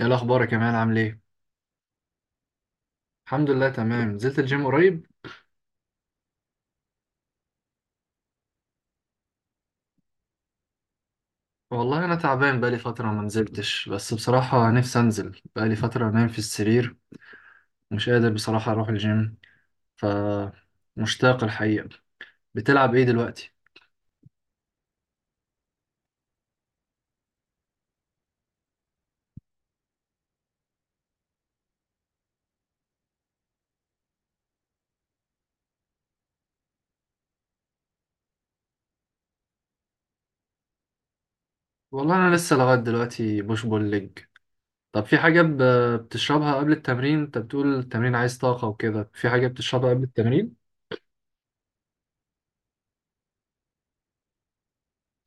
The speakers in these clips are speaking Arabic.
ايه الاخبار يا كمال؟ عامل ايه؟ الحمد لله، تمام. نزلت الجيم قريب؟ والله انا تعبان، بقالي فتره ما نزلتش، بس بصراحه نفسي انزل. بقالي فتره نايم في السرير، مش قادر بصراحه اروح الجيم. ف مشتاق الحقيقه. بتلعب ايه دلوقتي؟ والله انا لسه لغايه دلوقتي بوش بول ليج. طب في حاجه بتشربها قبل التمرين؟ انت بتقول التمرين عايز طاقه وكده، في حاجه بتشربها قبل التمرين؟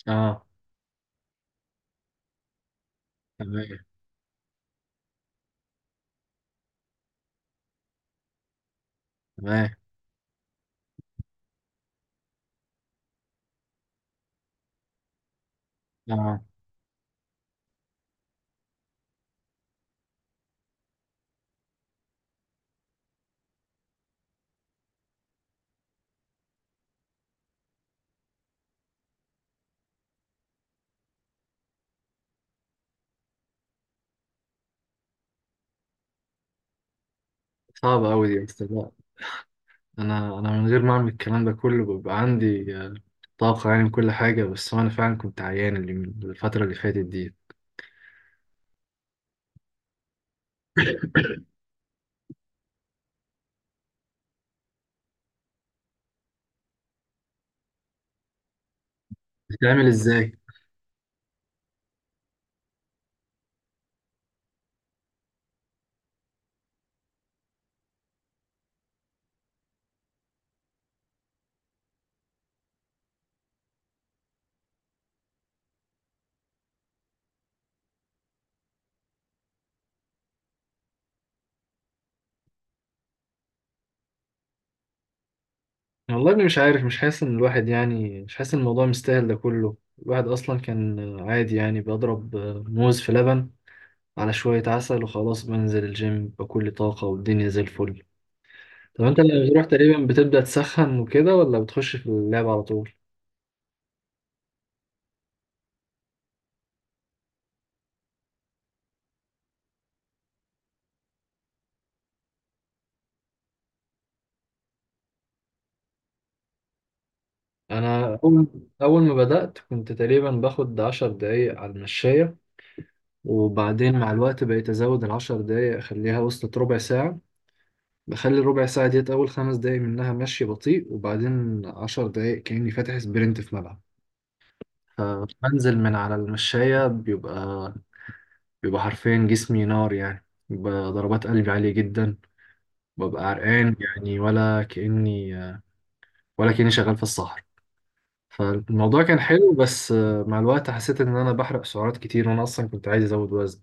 اه. تمام. تمام. اه. صعبه قوي دي بس. انا من غير ما اعمل الكلام ده كله بيبقى عندي طاقة يعني من كل حاجة، بس انا فعلا كنت عيان اللي من الفترة اللي فاتت دي. بتتعمل ازاي؟ والله اني مش عارف، مش حاسس ان الواحد يعني، مش حاسس ان الموضوع مستاهل ده كله. الواحد اصلا كان عادي يعني، بضرب موز في لبن على شوية عسل وخلاص، بنزل الجيم بكل طاقة والدنيا زي الفل. طب انت لما بتروح تقريبا بتبدأ تسخن وكده ولا بتخش في اللعب على طول؟ انا اول ما بدأت كنت تقريبا باخد 10 دقايق على المشاية، وبعدين مع الوقت بقيت أزود العشر دقايق أخليها، وصلت ربع ساعة. بخلي الربع ساعة ديت أول 5 دقايق منها مشي بطيء، وبعدين 10 دقايق كأني فاتح سبرنت في ملعب. فبنزل من على المشاية، بيبقى حرفيا جسمي نار يعني، بيبقى ضربات قلبي عالية جدا، ببقى عرقان يعني. ولا كأني شغال في الصحراء. فالموضوع كان حلو، بس مع الوقت حسيت إن أنا بحرق سعرات كتير وأنا أصلا كنت عايز أزود وزن.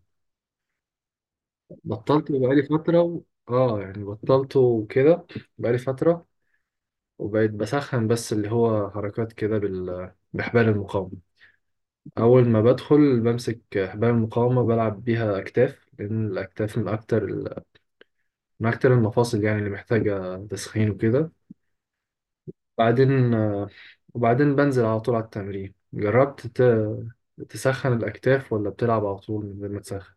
بطلت بقالي فترة اه يعني بطلته وكده، بقالي فترة. وبقيت بسخن بس اللي هو حركات كده بحبال المقاومة. أول ما بدخل بمسك حبال المقاومة بلعب بيها أكتاف، لأن الأكتاف من أكتر من أكتر المفاصل يعني اللي محتاجة تسخين وكده. بعدين وبعدين بنزل على طول على التمرين. جربت تسخن الأكتاف ولا بتلعب على طول من غير ما تسخن؟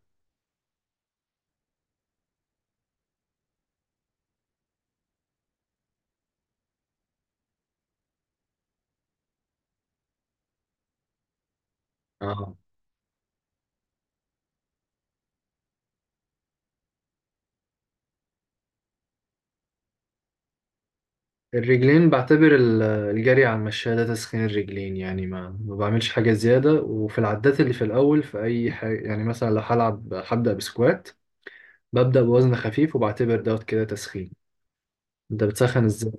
اه. الرجلين بعتبر الجري على المشاية ده تسخين الرجلين يعني، ما بعملش حاجة زيادة، وفي العدات اللي في الأول في أي حاجة. يعني مثلا لو هلعب هبدأ بسكوات، ببدأ بوزن خفيف وبعتبر دوت كده تسخين. أنت بتسخن إزاي؟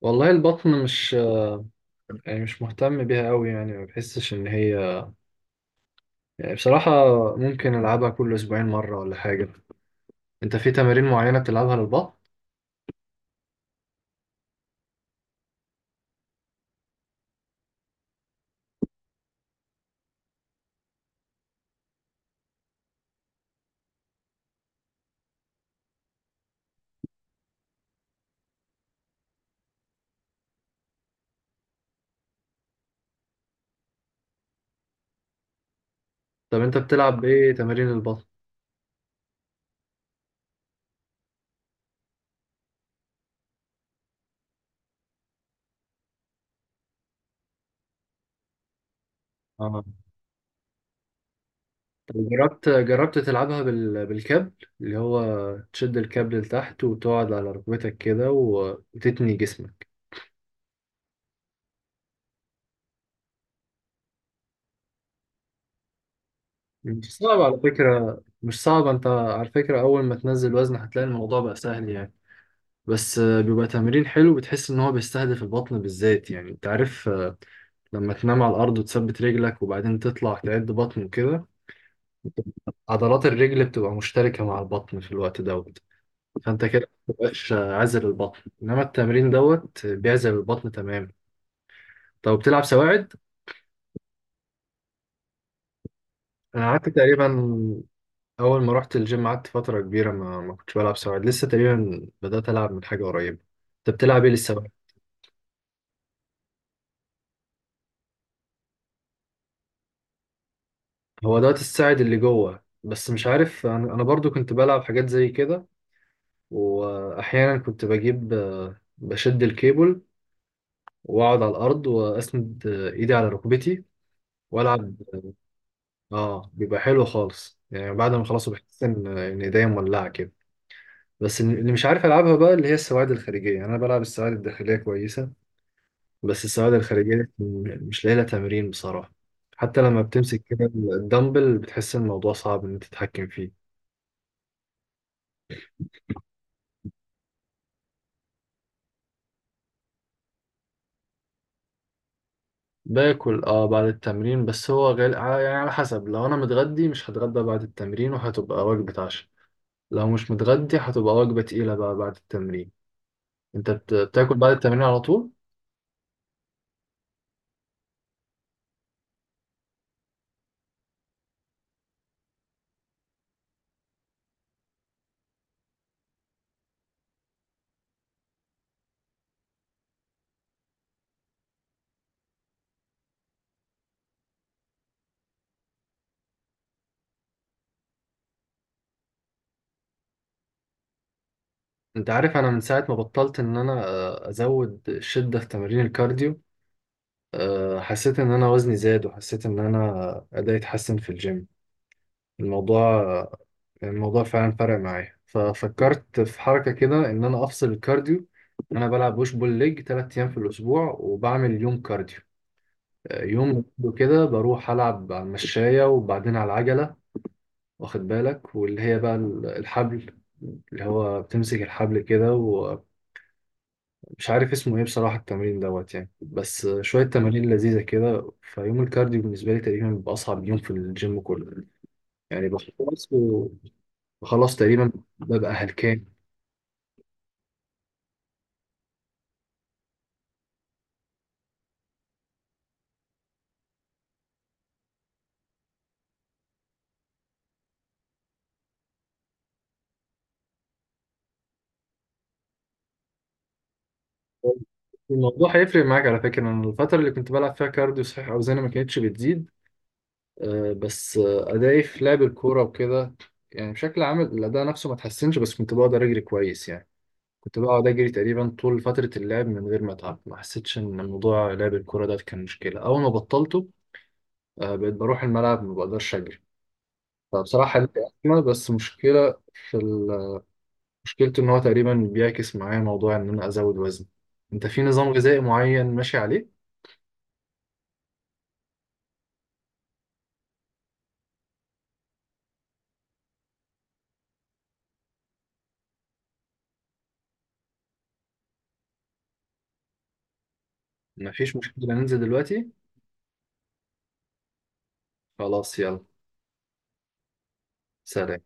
والله البطن مش، يعني مش مهتم بيها أوي، يعني ما بحسش إن هي، يعني بصراحة ممكن ألعبها كل أسبوعين مرة ولا حاجة. أنت في تمارين معينة بتلعبها للبطن؟ طب أنت بتلعب بإيه تمارين البطن؟ طب جربت تلعبها بالكابل، اللي هو تشد الكابل لتحت وتقعد على ركبتك كده وتتني جسمك. مش صعب على فكرة، مش صعب. انت على فكرة اول ما تنزل وزن هتلاقي الموضوع بقى سهل يعني، بس بيبقى تمرين حلو، بتحس ان هو بيستهدف البطن بالذات. يعني انت عارف لما تنام على الارض وتثبت رجلك وبعدين تطلع تعد بطن وكده، عضلات الرجل بتبقى مشتركة مع البطن في الوقت دوت، فانت كده مبقاش عازل البطن، انما التمرين دوت بيعزل البطن تماما. طب بتلعب سواعد؟ انا قعدت تقريبا اول ما رحت الجيم قعدت فتره كبيره ما كنتش بلعب سواعد، لسه تقريبا بدات العب من حاجه قريبه. انت بتلعب ايه للسواعد؟ هو دوت الساعد اللي جوه، بس مش عارف. انا برضو كنت بلعب حاجات زي كده، واحيانا كنت بجيب بشد الكيبل واقعد على الارض، واسند ايدي على ركبتي والعب. اه بيبقى حلو خالص يعني، بعد ما خلاص بحس ان ايديا مولعه كده. بس اللي مش عارف العبها بقى اللي هي السواعد الخارجيه، يعني انا بلعب السواعد الداخليه كويسه، بس السواعد الخارجيه مش لاقي لها تمرين بصراحه. حتى لما بتمسك كده الدمبل بتحس ان الموضوع صعب ان انت تتحكم فيه. باكل اه بعد التمرين، بس هو يعني على حسب، لو انا متغدي مش هتغدى بعد التمرين وهتبقى وجبه عشاء، لو مش متغدي هتبقى وجبه تقيله بقى بعد التمرين. انت بتاكل بعد التمرين على طول؟ انت عارف انا من ساعه ما بطلت ان انا ازود الشده في تمارين الكارديو، حسيت ان انا وزني زاد وحسيت ان انا ادائي اتحسن في الجيم. الموضوع الموضوع فعلا فرق معايا، ففكرت في حركة كده ان انا افصل الكارديو. انا بلعب بوش بول ليج 3 ايام في الاسبوع وبعمل يوم كارديو، يوم كده بروح العب على المشاية وبعدين على العجلة، واخد بالك واللي هي بقى الحبل، اللي هو بتمسك الحبل كده، مش عارف اسمه ايه بصراحة التمرين دوت يعني، بس شوية تمارين لذيذة كده. فيوم الكارديو بالنسبة لي تقريبا بيبقى أصعب يوم في الجيم كله. يعني بخلص تقريبا ببقى هلكان. الموضوع هيفرق معاك على فكرة، أنا الفترة اللي كنت بلعب فيها كارديو صحيح أوزاني ما كانتش بتزيد، بس أدائي في لعب الكورة وكده يعني بشكل عام الأداء نفسه ما اتحسنش، بس كنت بقدر أجري كويس يعني. كنت بقعد أجري تقريبا طول فترة اللعب من غير ما أتعب، ما حسيتش إن موضوع لعب الكورة ده كان مشكلة. أول ما بطلته بقيت بروح الملعب ما بقدرش أجري. فبصراحة ليه أزمة، بس مشكلة في مشكلته إن هو تقريبا بيعكس معايا موضوع إن أنا أزود وزن. أنت في نظام غذائي معين ماشي عليه؟ مفيش مشكلة ننزل دلوقتي. خلاص، يلا. سلام.